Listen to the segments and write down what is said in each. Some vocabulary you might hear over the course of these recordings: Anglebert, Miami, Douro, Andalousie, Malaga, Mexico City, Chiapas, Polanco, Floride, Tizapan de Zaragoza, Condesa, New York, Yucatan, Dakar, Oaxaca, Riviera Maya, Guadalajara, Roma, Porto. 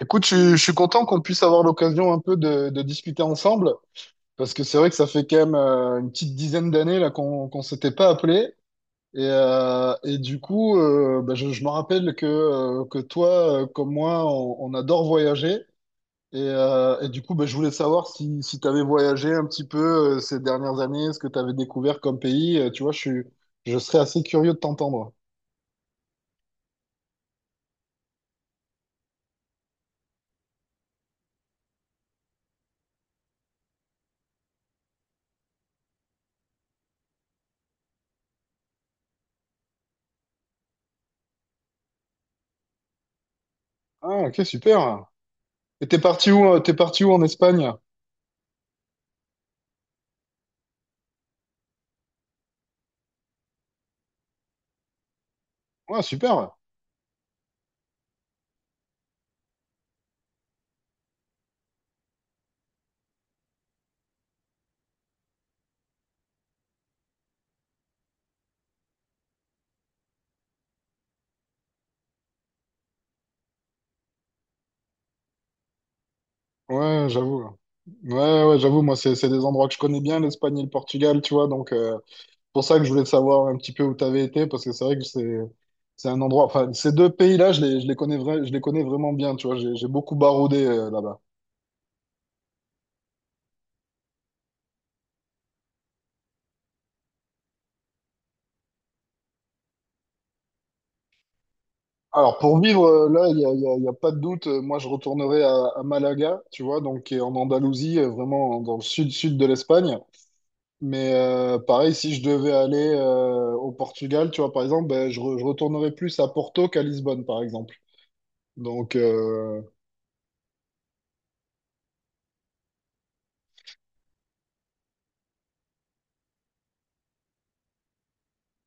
Écoute, je suis content qu'on puisse avoir l'occasion un peu de discuter ensemble, parce que c'est vrai que ça fait quand même une petite dizaine d'années là qu'on s'était pas appelé. Et du coup, bah, je me rappelle que toi, comme moi, on adore voyager. Et du coup, bah, je voulais savoir si tu avais voyagé un petit peu ces dernières années, ce que tu avais découvert comme pays. Tu vois, je serais assez curieux de t'entendre. Ah, ok, super. Et t'es parti où? T'es parti où en Espagne? Ouais, super. Ouais, j'avoue. Ouais, ouais, ouais, j'avoue, moi, c'est des endroits que je connais bien, l'Espagne et le Portugal, tu vois. Donc, c'est pour ça que je voulais savoir un petit peu où tu avais été, parce que c'est vrai que c'est un endroit. Enfin, ces deux pays-là, je les connais je les connais vraiment bien, tu vois. J'ai beaucoup baroudé là-bas. Alors, pour vivre là, il y a pas de doute. Moi, je retournerai à Malaga, tu vois, donc qui est en Andalousie, vraiment dans le sud-sud de l'Espagne. Mais pareil, si je devais aller au Portugal, tu vois, par exemple, ben, je retournerais plus à Porto qu'à Lisbonne, par exemple. Donc,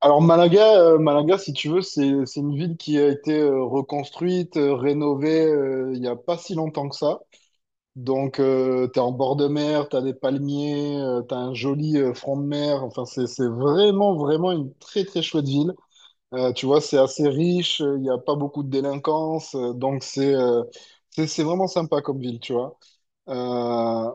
alors Malaga, Malaga, si tu veux, c'est une ville qui a été reconstruite, rénovée il n'y a pas si longtemps que ça. Donc t'es en bord de mer, t'as des palmiers, t'as un joli front de mer. Enfin c'est vraiment vraiment une très très chouette ville. Tu vois, c'est assez riche, il n'y a pas beaucoup de délinquance, c'est vraiment sympa comme ville, tu vois. Euh,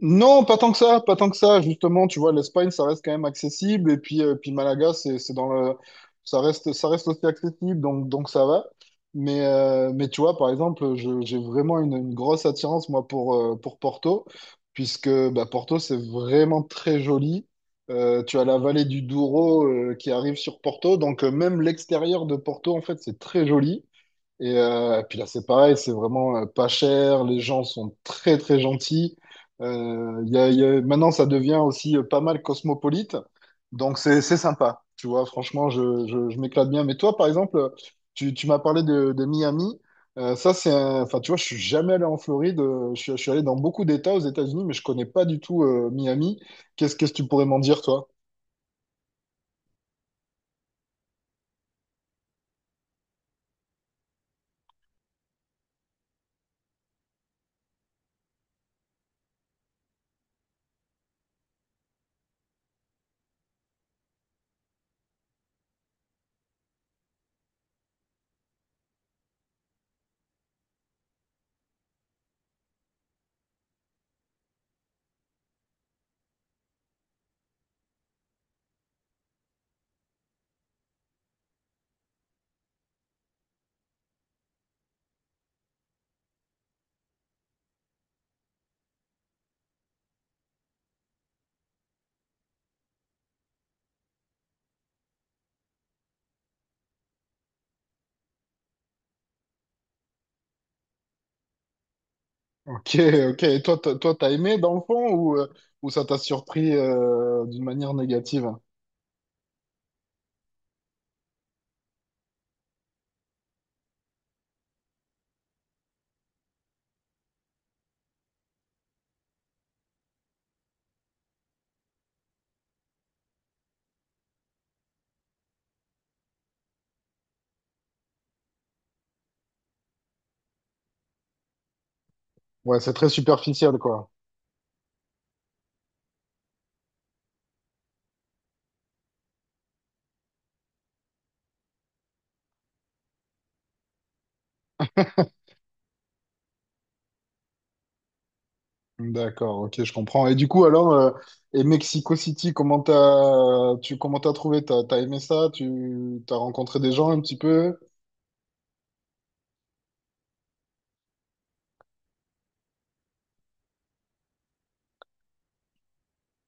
Non, pas tant que ça, pas tant que ça. Justement, tu vois, l'Espagne, ça reste quand même accessible. Et puis, puis Malaga, c'est dans le, ça reste aussi accessible, donc ça va. Mais tu vois, par exemple, j'ai vraiment une grosse attirance, moi, pour Porto, puisque bah, Porto, c'est vraiment très joli. Tu as la vallée du Douro, qui arrive sur Porto, donc même l'extérieur de Porto, en fait, c'est très joli. Et puis là, c'est pareil, c'est vraiment pas cher, les gens sont très très gentils. Maintenant, ça devient aussi pas mal cosmopolite, donc c'est sympa. Tu vois, franchement, je m'éclate bien. Mais toi, par exemple, tu m'as parlé de Miami. Ça, c'est un... Enfin, tu vois, je suis jamais allé en Floride. Je suis allé dans beaucoup d'États aux États-Unis, mais je connais pas du tout Miami. Qu'est-ce que tu pourrais m'en dire, toi? Ok, ok. Et toi, toi, t'as aimé dans le fond ou ça t'a surpris d'une manière négative? Ouais, c'est très superficiel, quoi. D'accord, ok, je comprends. Et du coup, alors, et Mexico City, comment t'as trouvé? T'as aimé ça? T'as rencontré des gens un petit peu?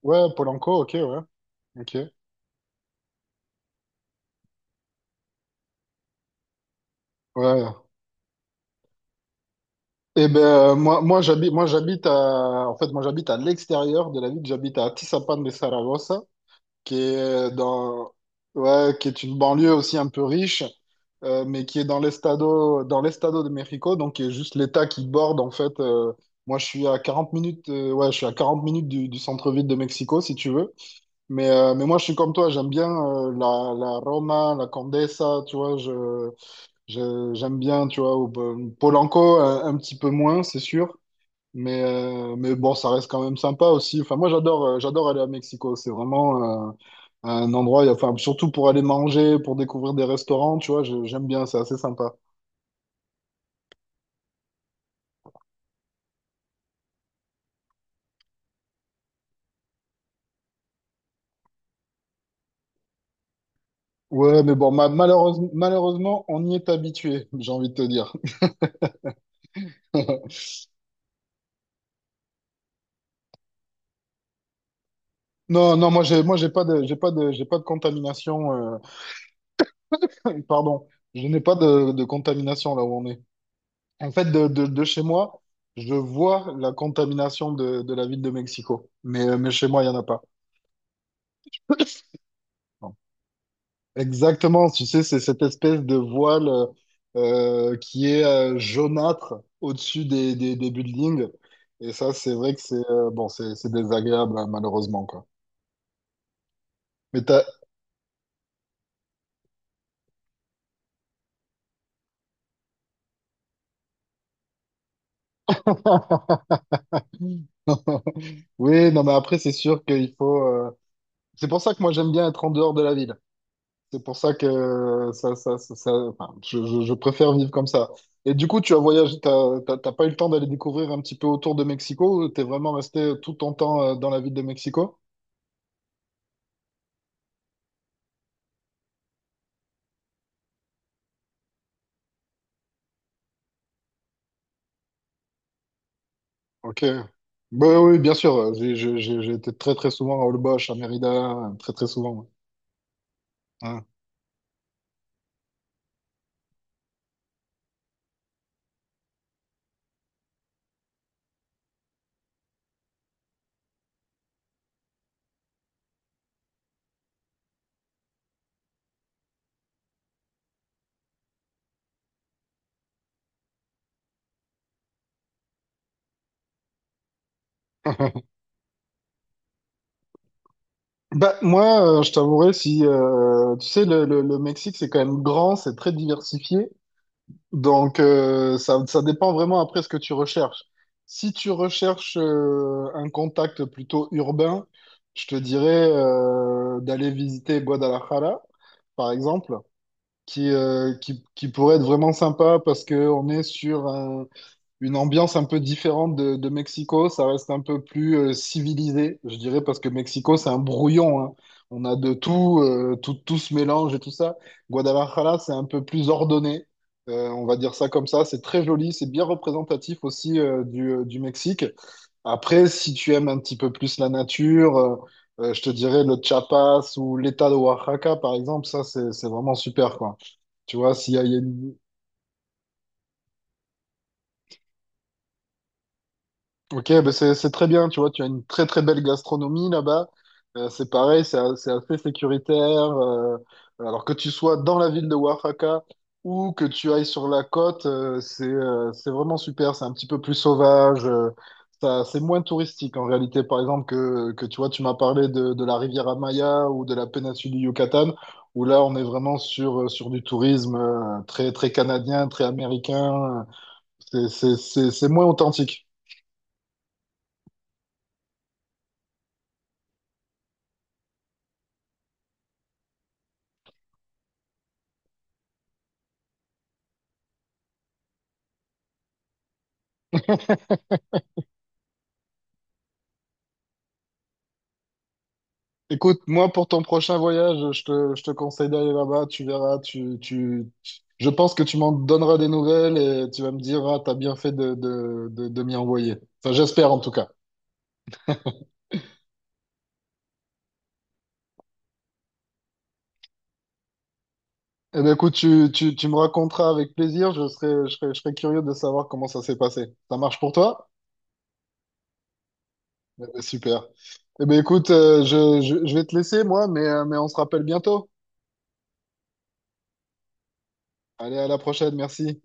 Ouais, Polanco, ok, ouais, ok, ouais. Eh ben, moi, moi, j'habite à, en fait, moi, j'habite à l'extérieur de la ville. J'habite à Tizapan de Zaragoza, qui est ouais, qui est une banlieue aussi un peu riche, mais qui est dans l'estado de Mexico, donc qui est juste l'État qui borde en fait. Moi, je suis à 40 minutes, Ouais, je suis à 40 minutes du centre-ville de Mexico, si tu veux. Mais moi, je suis comme toi, j'aime bien la Roma, la Condesa, tu vois, j'aime bien, tu vois, Polanco, un petit peu moins, c'est sûr. Mais bon, ça reste quand même sympa aussi. Enfin, moi, j'adore aller à Mexico. C'est vraiment un endroit, enfin, surtout pour aller manger, pour découvrir des restaurants, tu vois, j'aime bien, c'est assez sympa. Ouais, mais bon, malheureusement, on y est habitué, j'ai envie de te dire. Non, non, j'ai pas de contamination. Pardon, je n'ai pas de contamination là où on est. En fait, de chez moi, je vois la contamination de la ville de Mexico. Mais chez moi, il y en a pas. Exactement, tu sais, c'est cette espèce de voile qui est jaunâtre au-dessus des, des buildings. Et ça, c'est vrai que c'est bon, c'est désagréable, hein, malheureusement, quoi. Mais t'as... Oui, non, mais après, c'est sûr qu'il faut... C'est pour ça que moi, j'aime bien être en dehors de la ville. C'est pour ça que enfin, je préfère vivre comme ça. Et du coup, tu as voyagé, t'as pas eu le temps d'aller découvrir un petit peu autour de Mexico ou t'es vraiment resté tout ton temps dans la ville de Mexico? Ok. Bah, oui, bien sûr. J'ai été très très souvent à Olbosch, à Mérida, très très souvent. Ouais. Hein. Bah, moi, je t'avouerais, si tu sais, le Mexique, c'est quand même grand, c'est très diversifié. Donc, ça, ça dépend vraiment après ce que tu recherches. Si tu recherches un contact plutôt urbain, je te dirais d'aller visiter Guadalajara, par exemple, qui pourrait être vraiment sympa parce qu'on est sur un, une ambiance un peu différente de Mexico. Ça reste un peu plus civilisé, je dirais, parce que Mexico, c'est un brouillon, hein. On a de tout, tout se mélange et tout ça. Guadalajara, c'est un peu plus ordonné. On va dire ça comme ça. C'est très joli, c'est bien représentatif aussi du Mexique. Après, si tu aimes un petit peu plus la nature, je te dirais le Chiapas ou l'État de Oaxaca, par exemple, ça, c'est vraiment super, quoi. Tu vois, il y a une- Ok, bah c'est très bien, tu vois, tu as une très très belle gastronomie là-bas. C'est pareil, c'est assez sécuritaire. euh, alors que tu sois dans la ville de Oaxaca ou que tu ailles sur la côte, c'est vraiment super, c'est un petit peu plus sauvage. Ça, c'est moins touristique en réalité, par exemple, que tu vois, tu m'as parlé de la Riviera Maya ou de la péninsule du Yucatan, où là on est vraiment sur, sur du tourisme très, très canadien, très américain. C'est moins authentique. Écoute, moi, pour ton prochain voyage, je te conseille d'aller là-bas. Tu verras, je pense que tu m'en donneras des nouvelles et tu vas me dire, ah, t'as bien fait de m'y envoyer. Enfin, j'espère en tout cas. Eh ben, écoute, tu me raconteras avec plaisir. Je serais curieux de savoir comment ça s'est passé. Ça marche pour toi? Eh ben, super. Eh ben, écoute, je vais te laisser, moi, mais on se rappelle bientôt. Allez, à la prochaine. Merci.